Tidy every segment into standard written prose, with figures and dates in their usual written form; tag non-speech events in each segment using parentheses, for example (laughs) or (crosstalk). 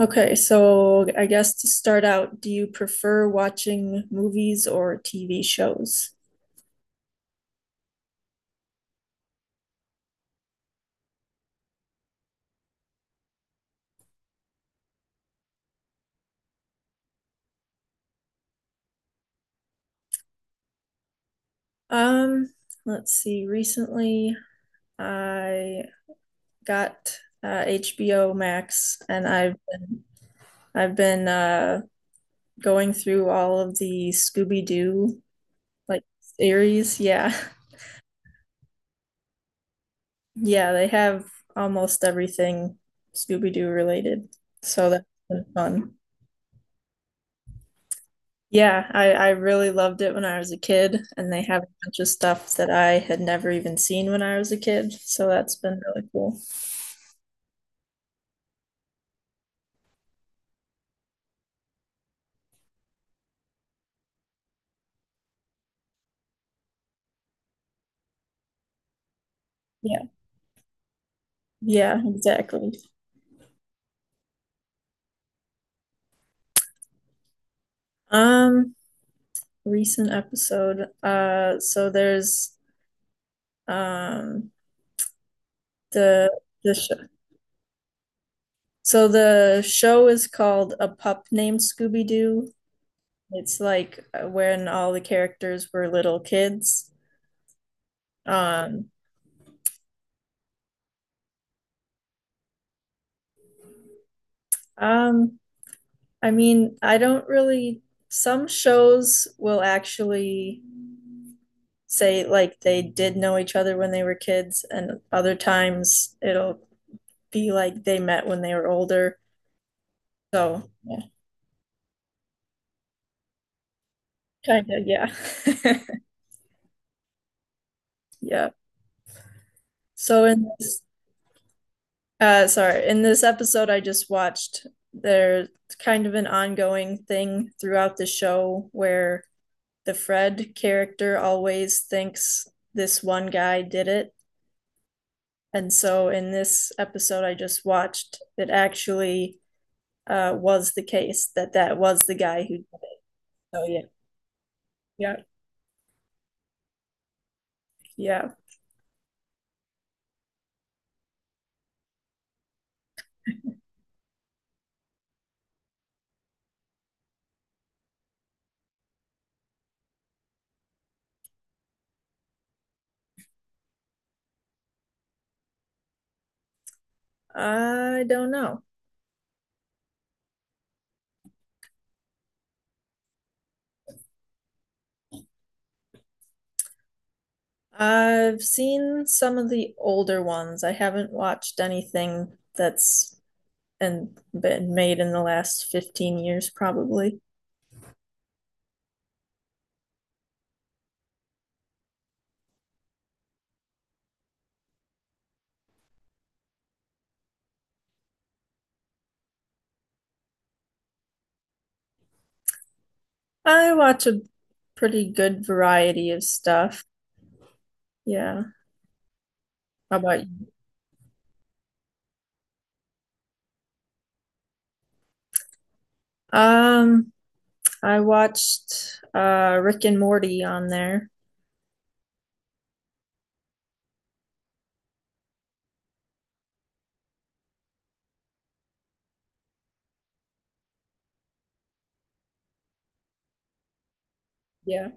Okay, so I guess to start out, do you prefer watching movies or TV shows? Um, let's see. Recently, I got HBO Max, and I've been going through all of the Scooby-Doo like series. Yeah, (laughs) yeah, they have almost everything Scooby-Doo related, so that's been fun. Yeah, I really loved it when I was a kid, and they have a bunch of stuff that I had never even seen when I was a kid, so that's been really cool. Yeah, yeah, exactly. Um, Recent episode. So there's um the the show. So the show is called A Pup Named Scooby-Doo. It's like when all the characters were little kids. Um, um, I mean, I don't really. Some shows will actually say like they did know each other when they were kids, and other times it'll be like they met when they were older. So, yeah, kind of, yeah. (laughs) Yeah. So in this, sorry, in this episode I just watched, there's kind of an ongoing thing throughout the show where the Fred character always thinks this one guy did it. And so in this episode I just watched, it actually was the case that that was the guy who. Oh yeah, yeah, yeah. I don't know. I've seen some of the older ones. I haven't watched anything that's and been made in the last 15 years probably. I watch a pretty good variety of stuff. Yeah. How about you? Um, I watched Rick and Morty on there. Yeah.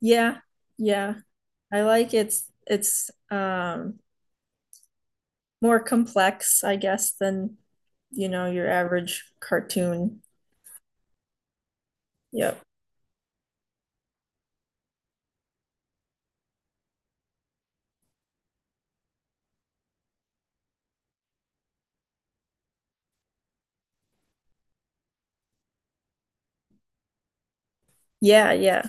Yeah, yeah. I like it's more complex, I guess, than you know, your average cartoon. Yep. Yeah, yeah.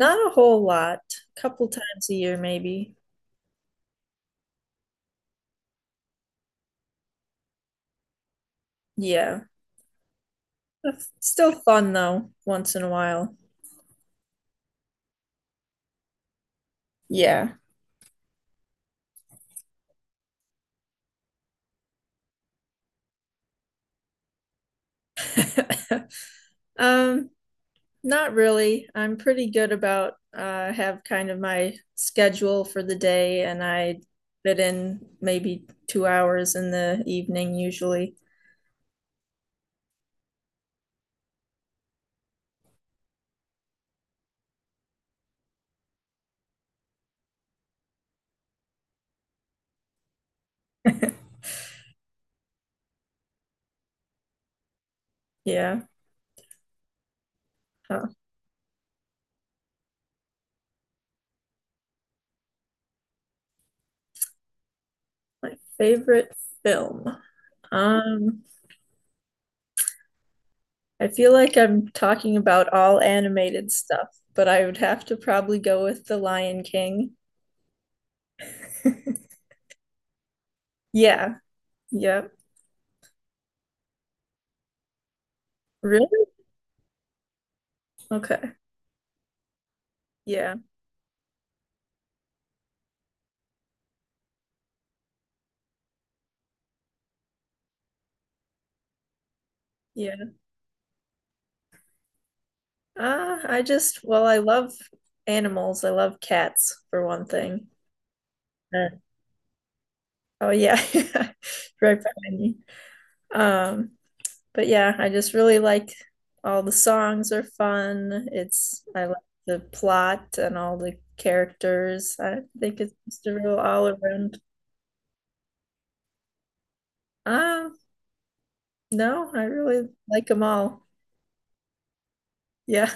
Not a whole lot. Couple times a year maybe. Yeah. That's still fun though, once in a while. Yeah. (laughs) Um, Not really. I'm pretty good about have kind of my schedule for the day and I fit in maybe 2 hours in the evening usually. Yeah. Huh. My favorite film. Um, I feel like I'm talking about all animated stuff, but I would have to probably go with The Lion King. (laughs) Yeah. Yep. Really? Okay. Yeah. Yeah. I just, well, I love animals. I love cats for one thing. Uh, Oh yeah. (laughs) Right behind me. Um, but yeah, I just really like all the songs are fun. It's I like the plot and all the characters. I think it's just a real all around. Uh, no, I really like them all. Yeah.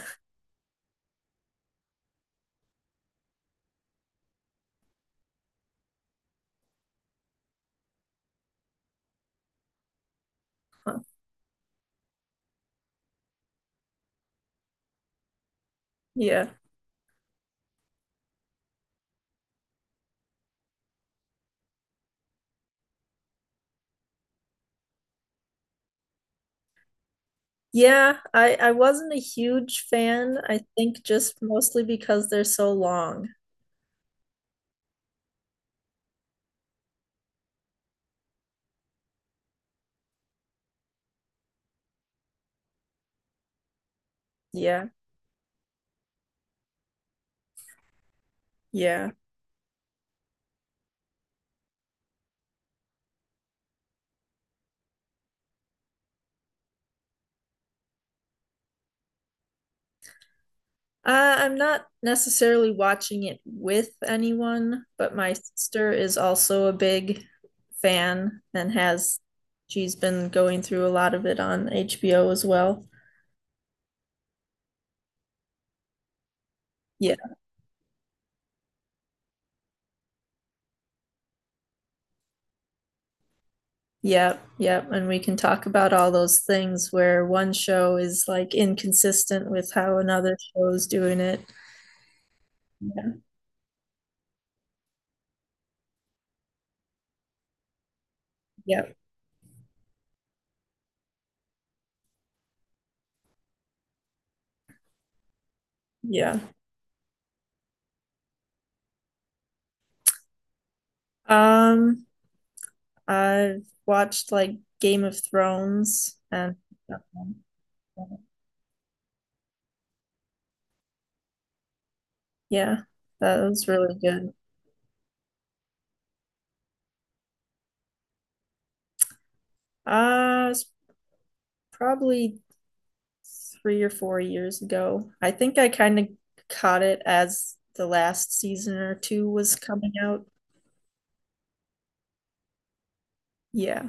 (laughs) Yeah. Yeah, I wasn't a huge fan. I think just mostly because they're so long. Yeah. Yeah. I'm not necessarily watching it with anyone, but my sister is also a big fan and has she's been going through a lot of it on HBO as well. Yeah, yeah, yeah. And we can talk about all those things where one show is like inconsistent with how another show is doing it. Yeah, yeah, yeah. Um, I've watched like Game of Thrones and um, yeah, that was really good. It's probably 3 or 4 years ago. I think I kind of caught it as the last season or two was coming out. Yeah.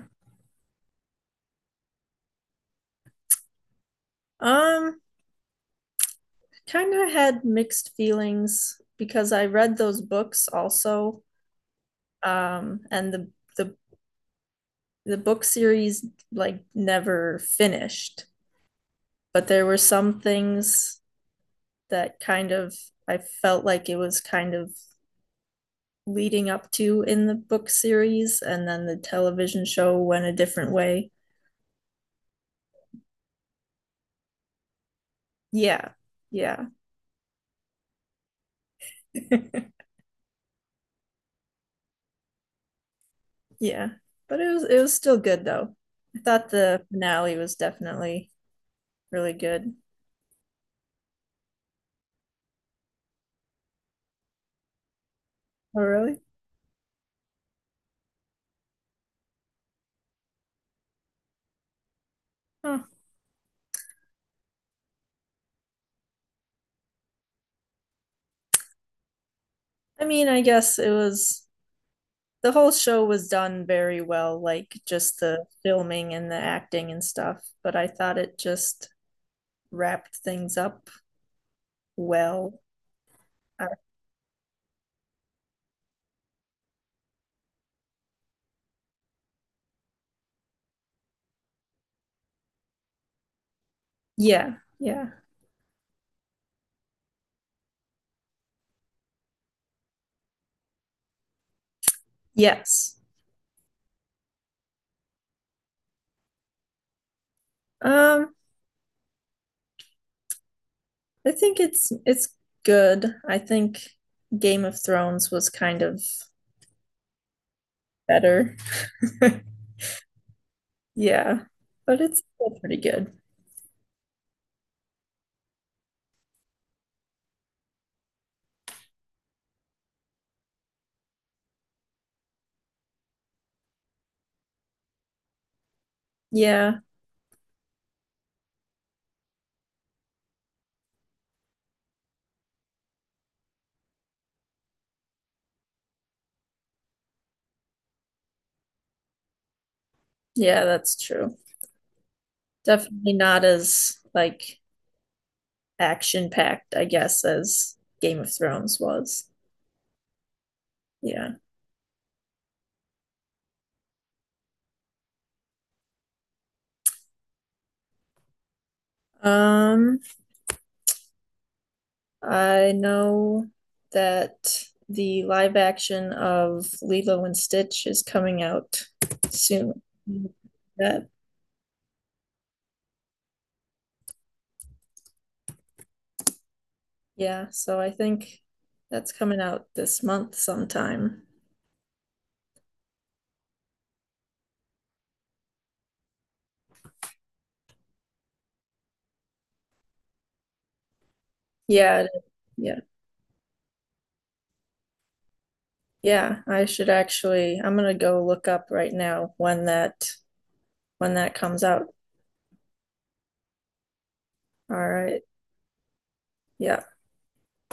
Um, Kind of had mixed feelings because I read those books also. And the the book series like never finished, but there were some things that kind of I felt like it was kind of leading up to in the book series and then the television show went a different way. Yeah. Yeah. (laughs) yeah. But it was still good though. I thought the finale was definitely really good. Oh really? Huh. I mean, I guess it was the whole show was done very well, like just the filming and the acting and stuff, but I thought it just wrapped things up well. Uh, yeah. Yeah. Yes. Um I think it's good. I think Game of Thrones was kind of better. (laughs) Yeah, but it's still pretty good. Yeah, yeah, that's true. Definitely not as like action packed, I guess, as Game of Thrones was. Yeah. Um, I know that the live action of Lilo and Stitch is coming out soon. That Yeah, so I think that's coming out this month sometime. Yeah, it- yeah, yeah. I should actually, I'm gonna go look up right now when that comes out. All right. Yeah.